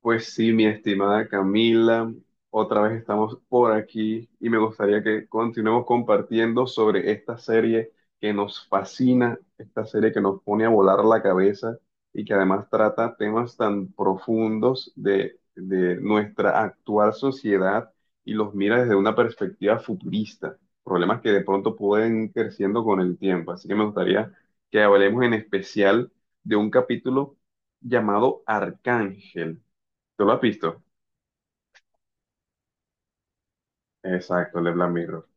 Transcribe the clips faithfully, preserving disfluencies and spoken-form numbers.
Pues sí, mi estimada Camila, otra vez estamos por aquí y me gustaría que continuemos compartiendo sobre esta serie que nos fascina, esta serie que nos pone a volar la cabeza y que además trata temas tan profundos de, de nuestra actual sociedad y los mira desde una perspectiva futurista, problemas que de pronto pueden ir creciendo con el tiempo. Así que me gustaría que hablemos en especial de un capítulo llamado Arcángel. ¿Tú lo has visto? Exacto, el de Black Mirror.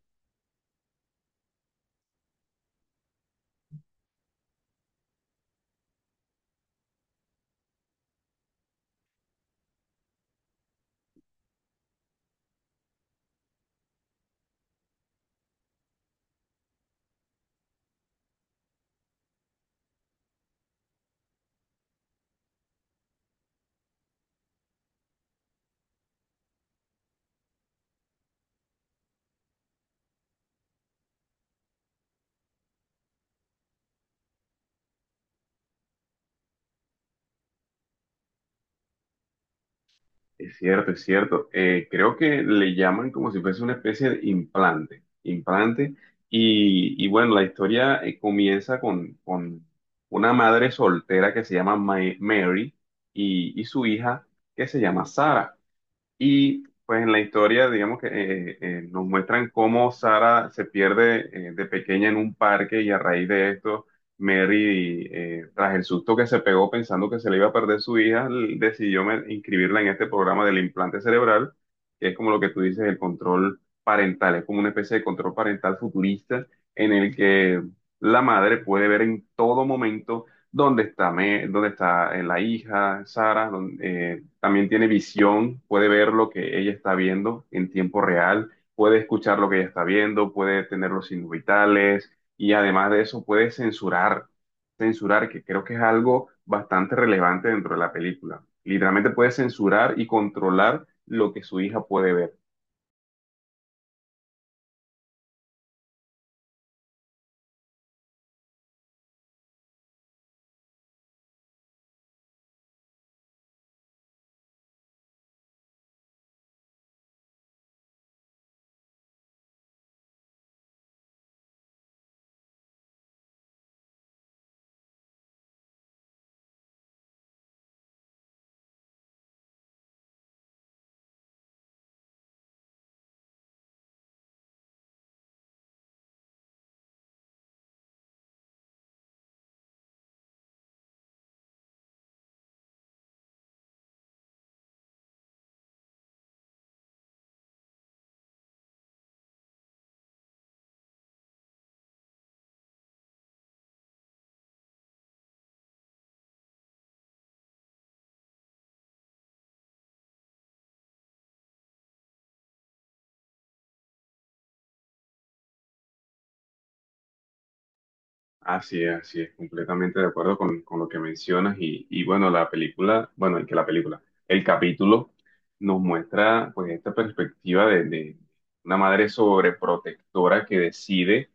Es cierto, es cierto. Eh, creo que le llaman como si fuese una especie de implante. Implante. Y, y bueno, la historia eh, comienza con, con una madre soltera que se llama Ma- Mary y, y su hija que se llama Sara. Y pues en la historia, digamos que eh, eh, nos muestran cómo Sara se pierde eh, de pequeña en un parque y a raíz de esto, Mary, eh, tras el susto que se pegó pensando que se le iba a perder su hija, l- decidió me- inscribirla en este programa del implante cerebral, que es como lo que tú dices, el control parental, es como una especie de control parental futurista en el que la madre puede ver en todo momento dónde está, Me- dónde está eh, la hija, Sara, también tiene visión, puede ver lo que ella está viendo en tiempo real, puede escuchar lo que ella está viendo, puede tener los signos vitales y además de eso puede censurar, censurar, que creo que es algo bastante relevante dentro de la película. Literalmente puede censurar y controlar lo que su hija puede ver. Así es, así es, completamente de acuerdo con, con lo que mencionas y, y bueno, la película, bueno, y que la película, el capítulo nos muestra pues esta perspectiva de, de una madre sobreprotectora que decide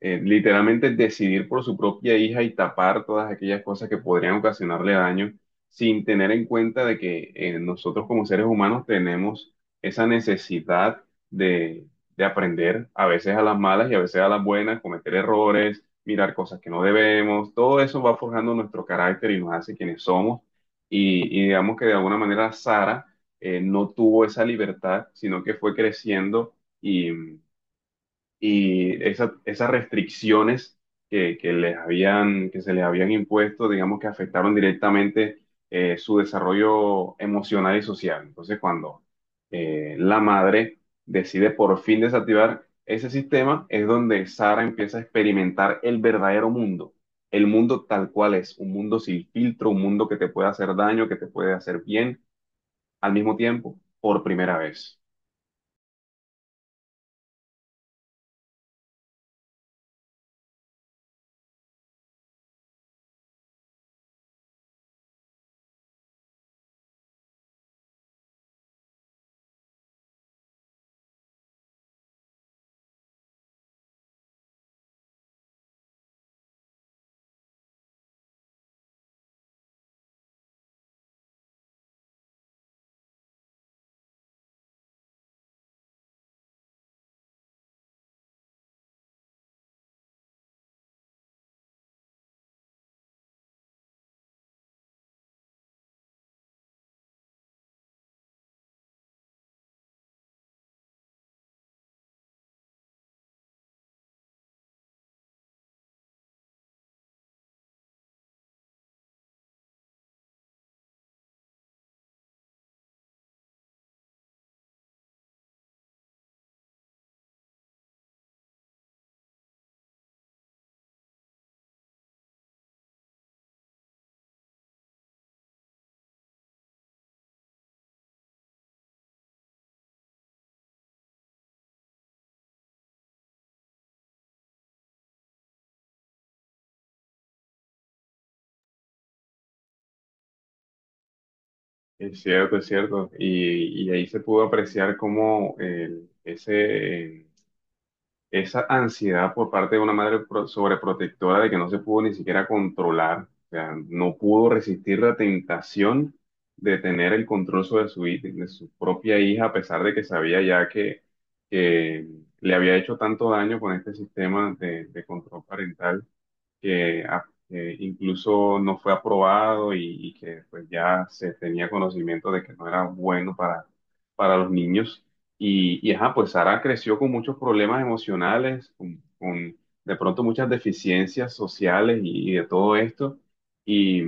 eh, literalmente decidir por su propia hija y tapar todas aquellas cosas que podrían ocasionarle daño sin tener en cuenta de que eh, nosotros como seres humanos tenemos esa necesidad de, de aprender a veces a las malas y a veces a las buenas, cometer errores, mirar cosas que no debemos, todo eso va forjando nuestro carácter y nos hace quienes somos y, y digamos que de alguna manera Sara eh, no tuvo esa libertad, sino que fue creciendo y y esa- esas restricciones que, que les habían, que se les habían impuesto, digamos que afectaron directamente eh, su desarrollo emocional y social. Entonces, cuando eh, la madre decide por fin desactivar ese sistema, es donde Sara empieza a experimentar el verdadero mundo, el mundo tal cual es, un mundo sin filtro, un mundo que te puede hacer daño, que te puede hacer bien al mismo tiempo, por primera vez. Es cierto, es cierto. Y, y ahí se pudo apreciar cómo el- ese, eh, esa ansiedad por parte de una madre pro- sobreprotectora de que no se pudo ni siquiera controlar, o sea, no pudo resistir la tentación de tener el control sobre su, hi- de su propia hija, a pesar de que sabía ya que, que le había hecho tanto daño con este sistema de de control parental que, a- que incluso no fue aprobado y, y que pues ya se tenía conocimiento de que no era bueno para, para los niños. Y, y ajá, pues Sara creció con muchos problemas emocionales, con, con de pronto muchas deficiencias sociales y, y de todo esto. Y,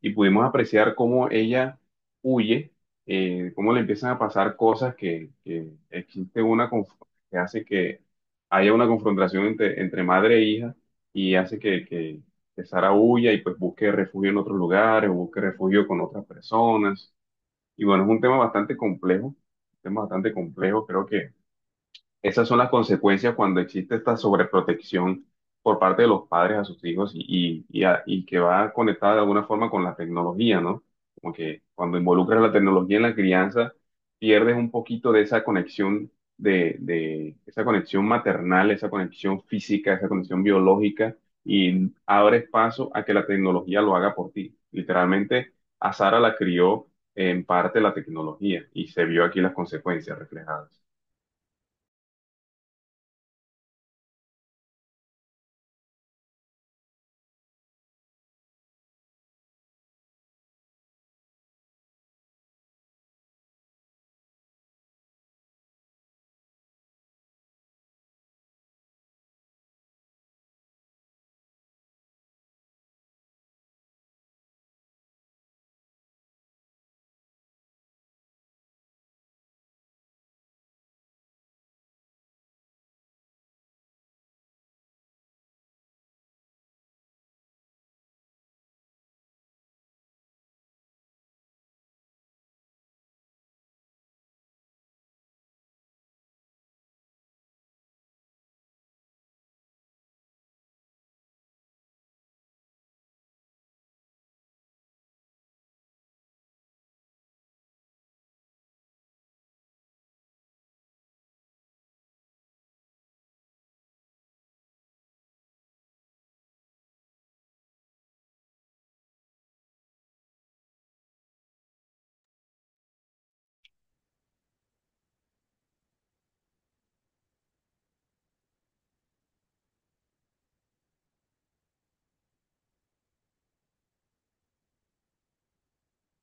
y pudimos apreciar cómo ella huye, eh, cómo le empiezan a pasar cosas que, que existe una conf- que hace que haya una confrontación entre, entre madre e hija y hace que, que, que Sara huya y pues busque refugio en otros lugares o busque refugio con otras personas. Y bueno, es un tema bastante complejo, un tema bastante complejo. Creo que esas son las consecuencias cuando existe esta sobreprotección por parte de los padres a sus hijos y, y- y a- y que va conectada de alguna forma con la tecnología, ¿no? Como que cuando involucras la tecnología en la crianza, pierdes un poquito de esa conexión, de, de esa conexión maternal, esa conexión física, esa conexión biológica y abres paso a que la tecnología lo haga por ti. Literalmente, a Sara la crió en parte la tecnología y se vio aquí las consecuencias reflejadas.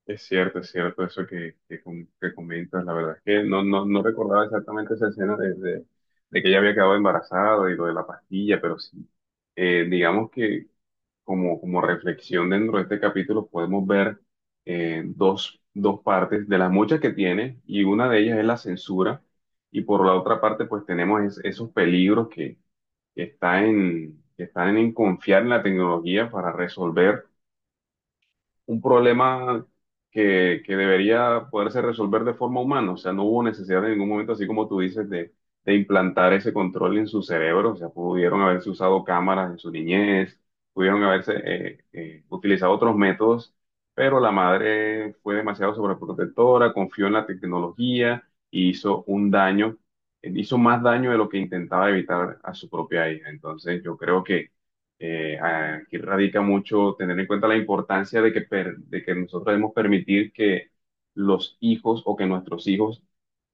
Es cierto, es cierto eso que, que, com- que comentas. La verdad es que no, no, no recordaba exactamente esa escena de, de- de que ella había quedado embarazada y lo de la pastilla, pero sí, eh, digamos que como, como reflexión dentro de este capítulo podemos ver eh, dos, dos partes de las muchas que tiene y una de ellas es la censura y por la otra parte pues tenemos es- esos peligros que, que está en, que están en confiar en la tecnología para resolver un problema que, que debería poderse resolver de forma humana. O sea, no hubo necesidad en ningún momento, así como tú dices, de, de implantar ese control en su cerebro. O sea, pudieron haberse usado cámaras en su niñez, pudieron haberse eh, eh, utilizado otros métodos, pero la madre fue demasiado sobreprotectora, confió en la tecnología y hizo un daño. Eh, hizo más daño de lo que intentaba evitar a su propia hija. Entonces, yo creo que eh, aquí radica mucho tener en cuenta la importancia de que, per- de que nosotros debemos permitir que los hijos o que nuestros hijos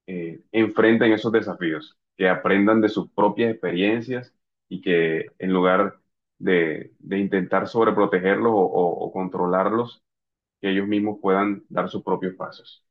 eh, enfrenten esos desafíos, que aprendan de sus propias experiencias y que en lugar de, de intentar sobreprotegerlos o, o o controlarlos, que ellos mismos puedan dar sus propios pasos.